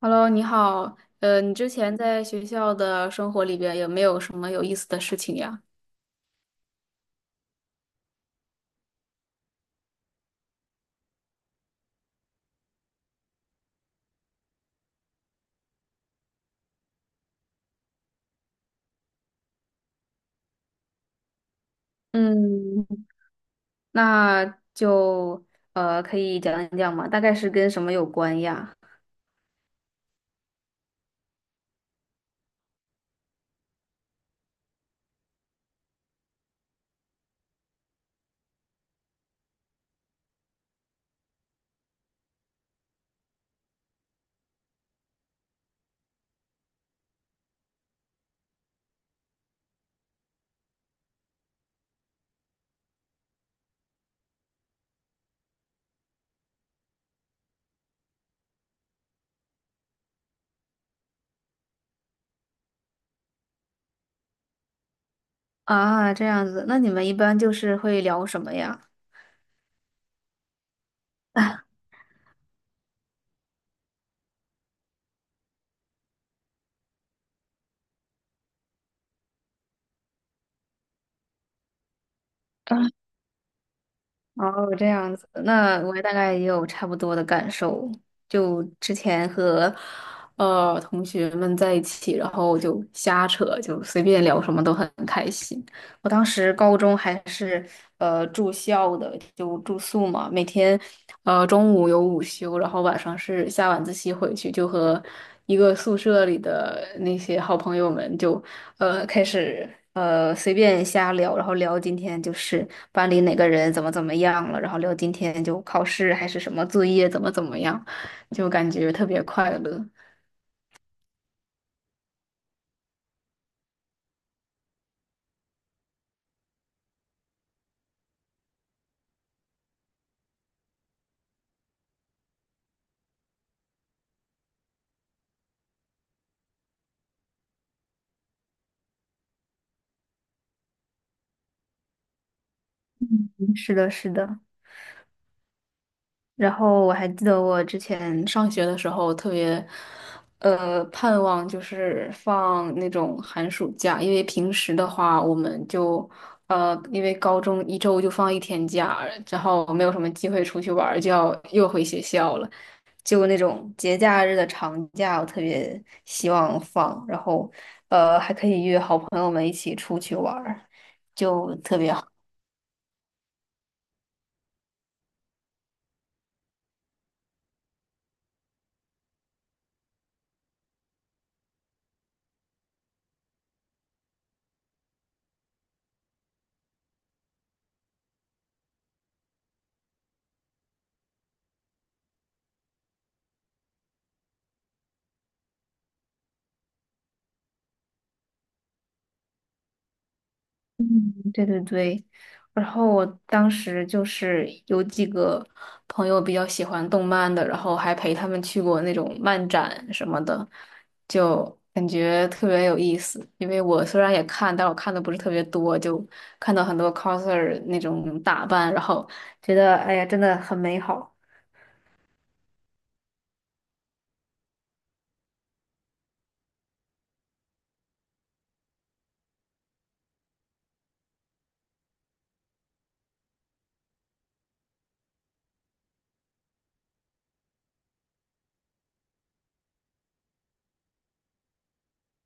Hello，你好。你之前在学校的生活里边有没有什么有意思的事情呀？嗯。那就可以讲一讲吗？大概是跟什么有关呀？啊，这样子，那你们一般就是会聊什么呀？哦，这样子，那我大概也有差不多的感受。就之前和同学们在一起，然后就瞎扯，就随便聊什么都很开心。我当时高中还是住校的，就住宿嘛，每天中午有午休，然后晚上是下晚自习回去，就和一个宿舍里的那些好朋友们就开始随便瞎聊，然后聊今天就是班里哪个人怎么怎么样了，然后聊今天就考试还是什么作业怎么怎么样，就感觉特别快乐。嗯，是的，是的。然后我还记得我之前上学的时候特别盼望就是放那种寒暑假，因为平时的话我们就。因为高中一周就放一天假，然后没有什么机会出去玩儿就要又回学校了。就那种节假日的长假，我特别希望放，然后还可以约好朋友们一起出去玩儿，就特别好。嗯，对对对。然后我当时就是有几个朋友比较喜欢动漫的，然后还陪他们去过那种漫展什么的，就感觉特别有意思。因为我虽然也看，但我看的不是特别多，就看到很多 coser 那种打扮，然后觉得哎呀，真的很美好。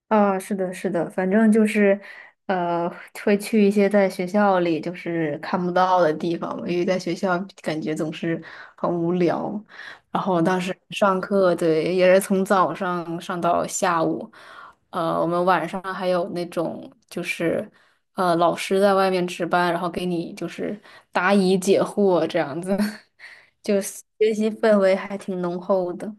啊，是的，是的，反正就是，呃，会去一些在学校里就是看不到的地方嘛，因为在学校感觉总是很无聊。然后当时上课，对，也是从早上上到下午，我们晚上还有那种就是，老师在外面值班，然后给你就是答疑解惑这样子，就学习氛围还挺浓厚的。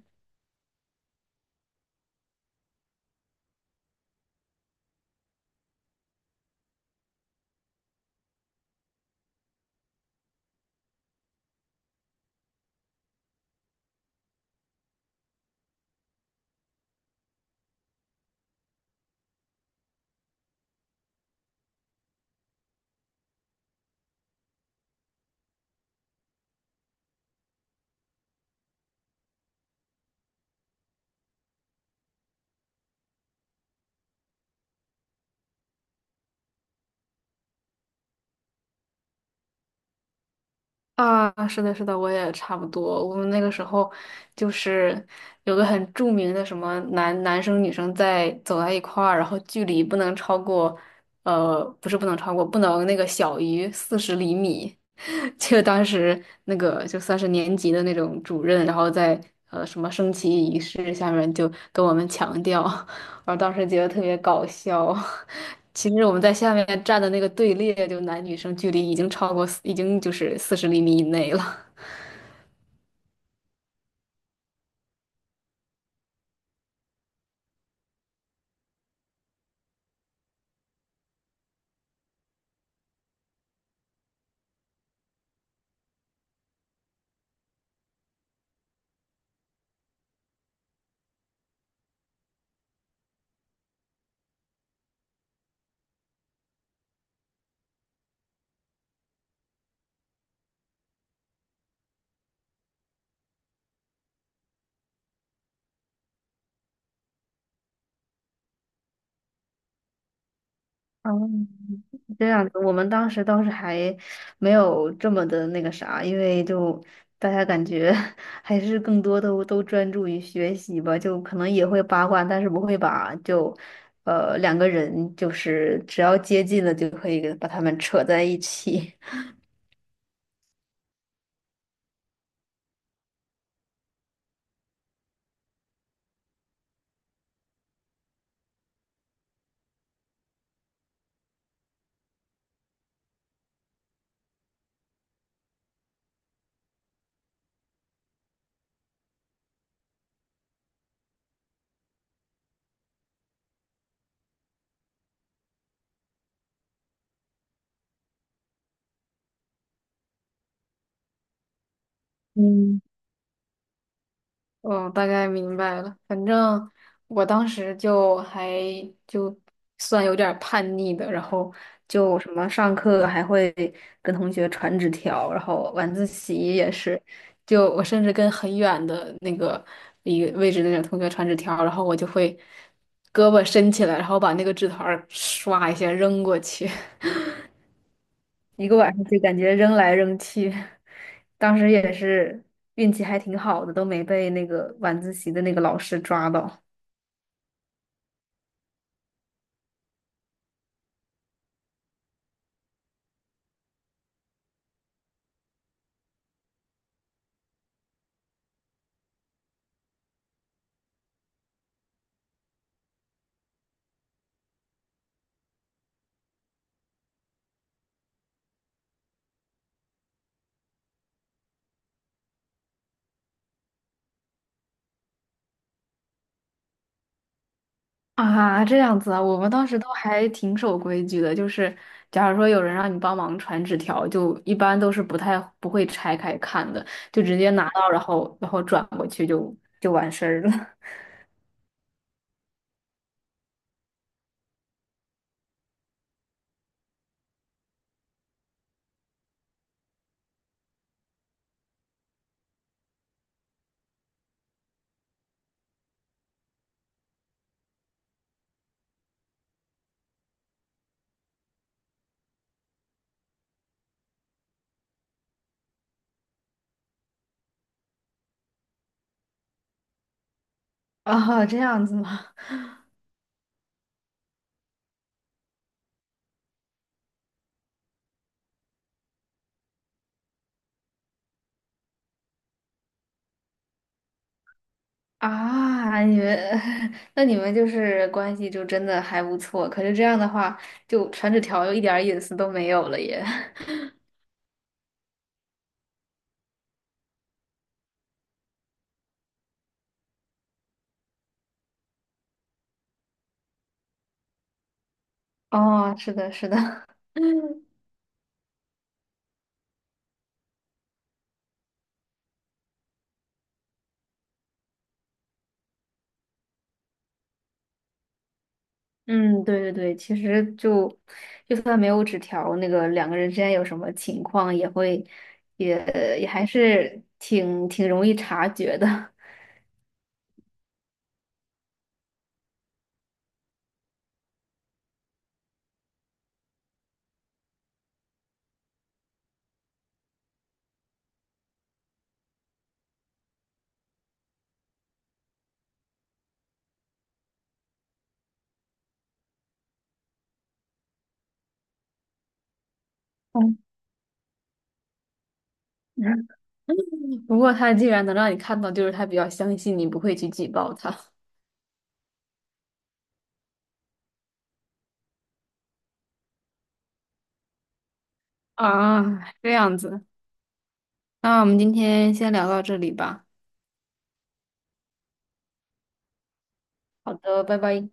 啊，是的，是的，我也差不多。我们那个时候就是有个很著名的什么男生女生在走在一块儿，然后距离不能超过，不是不能超过，不能那个小于四十厘米。就当时那个就算是年级的那种主任，然后在什么升旗仪式下面就跟我们强调，我当时觉得特别搞笑。其实我们在下面站的那个队列，就男女生距离已经超过四已经就是四十厘米以内了。嗯，这样子，我们当时倒是还没有这么的那个啥，因为就大家感觉 还是更多都专注于学习吧，就可能也会八卦，但是不会把就两个人就是只要接近了就可以把他们扯在一起。嗯。嗯，大概明白了。反正我当时就算有点儿叛逆的，然后就什么上课还会跟同学传纸条，然后晚自习也是，就我甚至跟很远的那个一个位置的那种同学传纸条，然后我就会胳膊伸起来，然后把那个纸团儿唰一下扔过去。一个晚上就感觉扔来扔去，当时也是运气还挺好的，都没被那个晚自习的那个老师抓到。啊，这样子啊，我们当时都还挺守规矩的，就是假如说有人让你帮忙传纸条，就一般都是不会拆开看的，就直接拿到，然后转过去就完事儿了。啊，这样子吗？啊，你们，那你们就是关系就真的还不错。可是这样的话，就传纸条又一点儿隐私都没有了耶。哦，是的，是的，嗯，对对对，其实就算没有纸条，那个两个人之间有什么情况，也会也也还是挺容易察觉的。嗯，不过他既然能让你看到，就是他比较相信你不会去举报他。啊，这样子，那我们今天先聊到这里吧。好的，拜拜。